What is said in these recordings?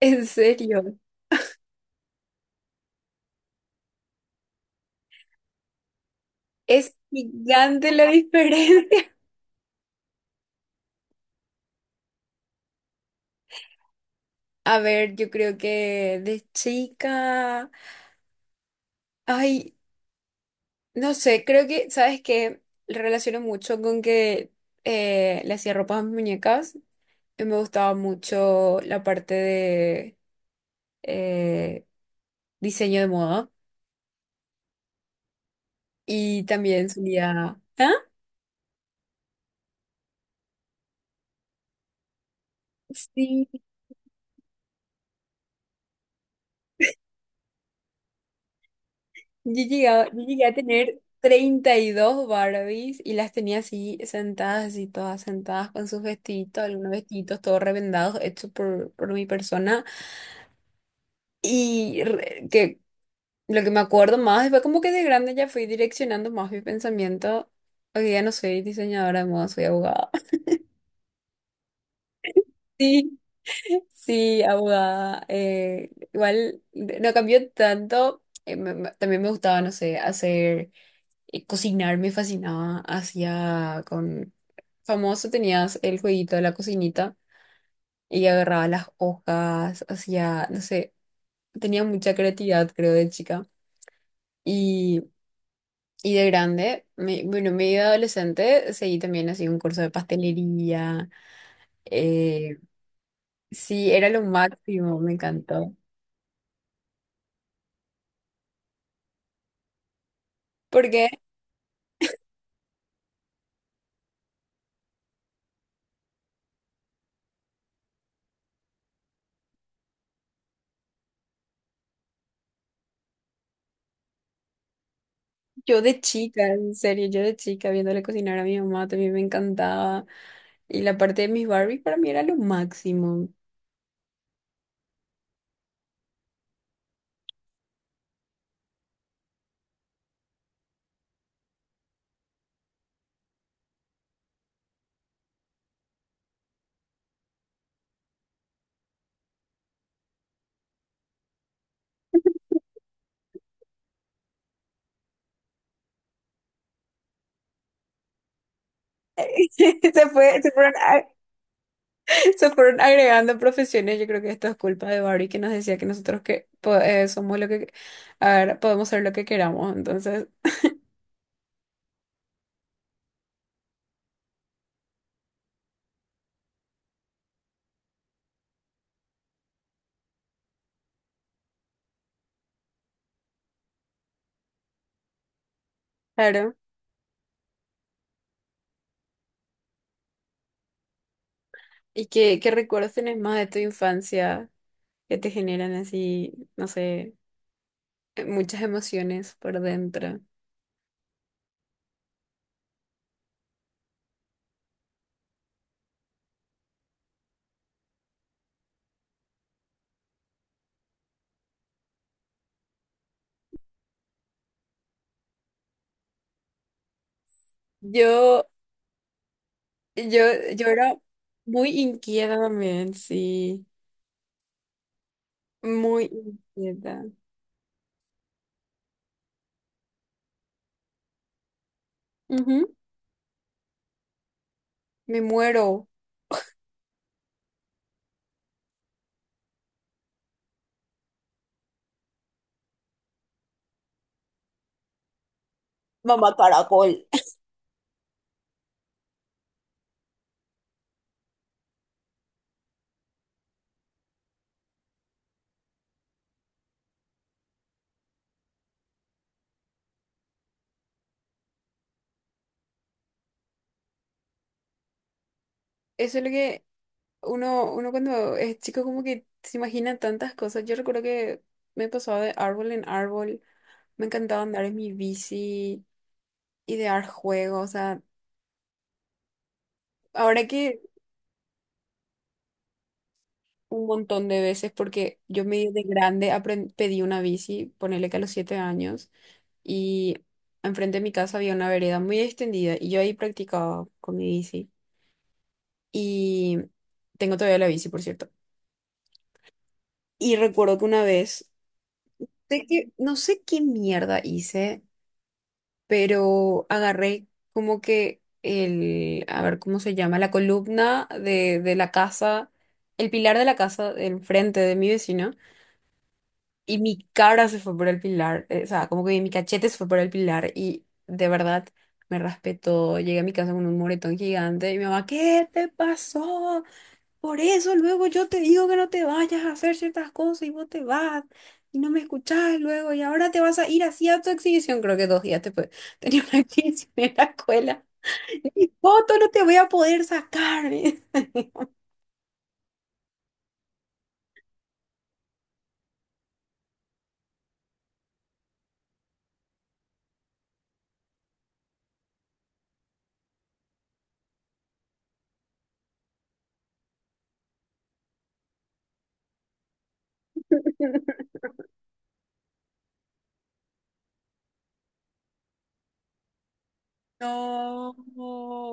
En serio, es gigante la diferencia. A ver, yo creo que de chica, ay, no sé, creo que, ¿sabes qué? Relaciono mucho con que le hacía ropa a mis muñecas. Y me gustaba mucho la parte de eh, diseño de moda y también solía. ¿Ah? Sí. Yo llegué a tener 32 Barbies y las tenía así sentadas, así todas sentadas con sus vestiditos, algunos vestiditos todos revendados, hechos por mi persona. Y que lo que me acuerdo más fue como que de grande ya fui direccionando más mi pensamiento. Hoy día no soy diseñadora de moda, soy abogada. Sí, sí, abogada. Igual no cambió tanto. También me gustaba, no sé, hacer cocinar me fascinaba. Hacía con Famoso tenías el jueguito de la cocinita y agarraba las hojas, hacía, no sé, tenía mucha creatividad, creo, de chica. Y, y de grande, bueno, medio adolescente, seguí también así un curso de pastelería. eh, sí, era lo máximo, me encantó. Porque yo de chica, en serio, yo de chica, viéndole cocinar a mi mamá, también me encantaba. Y la parte de mis Barbies para mí era lo máximo. Se fue, se fueron, a- Se fueron agregando profesiones. Yo creo que esto es culpa de Barry que nos decía que nosotros somos lo que a ver, podemos ser lo que queramos. Entonces, claro. ¿Y qué recuerdos tenés más de tu infancia que te generan así, no sé, muchas emociones por dentro? Yo, yo, yo era muy inquieta también, sí. Muy inquieta. Ujú. Me muero. Mamá caracol. Eso es lo que Uno cuando es chico como que se imagina tantas cosas. Yo recuerdo que me pasaba de árbol en árbol, me encantaba andar en mi bici, idear juegos, o sea, ahora que un montón de veces, porque yo medio de grande pedí una bici, ponele que a los 7 años, y enfrente de mi casa había una vereda muy extendida y yo ahí practicaba con mi bici. Y tengo todavía la bici, por cierto. Y recuerdo que una vez, sé que, no sé qué mierda hice, pero agarré como que a ver cómo se llama, la columna de la casa, el pilar de la casa del frente de mi vecino, y mi cara se fue por el pilar, o sea, como que mi cachete se fue por el pilar, y de verdad me raspé todo, llegué a mi casa con un moretón gigante, y mi mamá, ¿qué te pasó? Por eso luego yo te digo que no te vayas a hacer ciertas cosas y vos te vas y no me escuchás luego y ahora te vas a ir así a tu exhibición, creo que 2 días después tenía una exhibición en la escuela. Mi foto no te voy a poder sacar, me dice. No.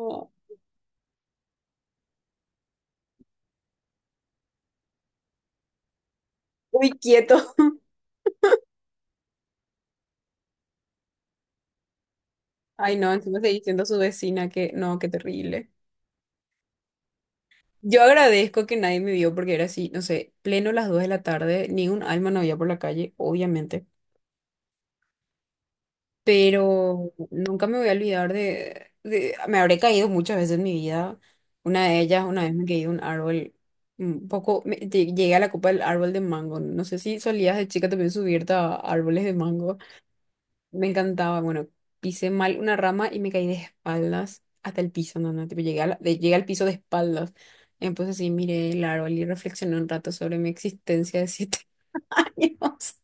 Muy quieto. Ay, no, encima seguí diciendo a su vecina que no, qué terrible. Yo agradezco que nadie me vio porque era así, no sé, pleno las 2 de la tarde, ni un alma no había por la calle, obviamente. Pero nunca me voy a olvidar Me habré caído muchas veces en mi vida. Una de ellas, una vez me caí de un árbol, un poco, llegué a la copa del árbol de mango. No sé si solías de chica también subirte a árboles de mango. Me encantaba, bueno, pisé mal una rama y me caí de espaldas hasta el piso, no, no, tipo, llegué, llegué al piso de espaldas. Entonces sí, miré el árbol y reflexioné un rato sobre mi existencia de 7 años.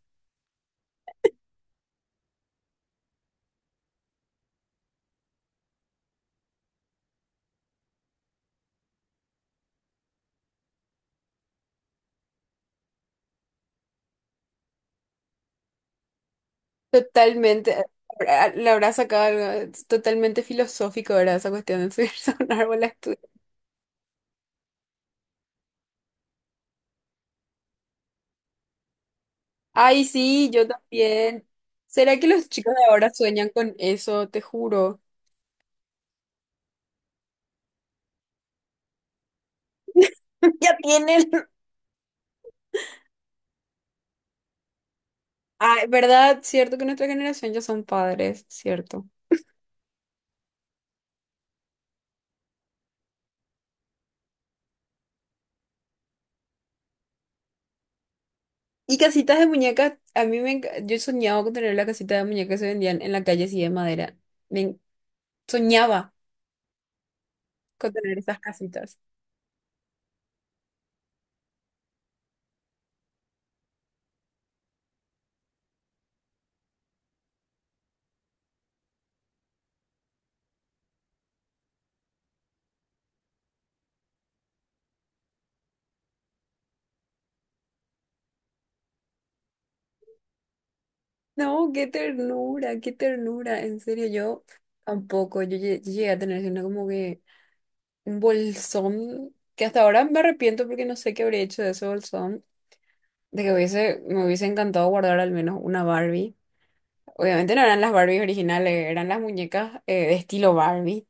Totalmente. Le habrá sacado algo totalmente filosófico, ¿verdad? Esa cuestión de subirse a un árbol a estudiar. Ay, sí, yo también. ¿Será que los chicos de ahora sueñan con eso? Te juro. Ya tienen. Ay, ¿verdad? Cierto que nuestra generación ya son padres, cierto. Y casitas de muñecas, a mí Yo soñaba con tener la casita de muñecas que se vendían en la calle así de madera. Me en- Soñaba con tener esas casitas. No, qué ternura, qué ternura. En serio, yo tampoco. Yo llegué a tener así una como que un bolsón que hasta ahora me arrepiento porque no sé qué habría hecho de ese bolsón. De que hubiese, me hubiese encantado guardar al menos una Barbie. Obviamente no eran las Barbies originales, eran las muñecas de estilo Barbie.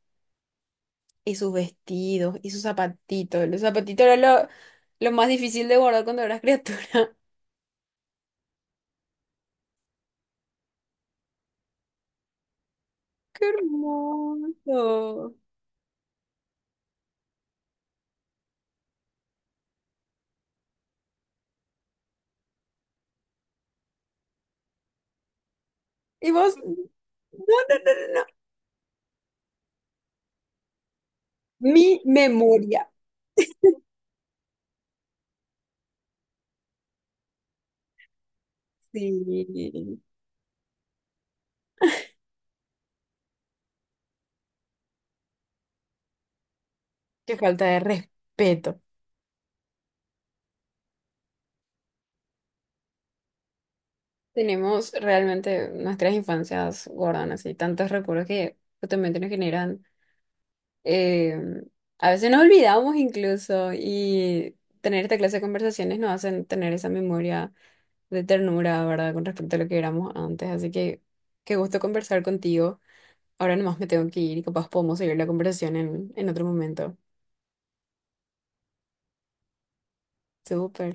Y sus vestidos, y sus zapatitos. Los zapatitos eran lo más difícil de guardar cuando eras criatura. ¡Qué hermoso! Y vos, no, no, no, no. Mi memoria. Sí. Qué falta de respeto. Tenemos realmente nuestras infancias guardan así tantos recuerdos que justamente nos generan. eh, a veces nos olvidamos incluso y tener esta clase de conversaciones nos hacen tener esa memoria de ternura, ¿verdad? Con respecto a lo que éramos antes. Así que qué gusto conversar contigo. Ahora nomás me tengo que ir y capaz podemos seguir la conversación en otro momento. Súper.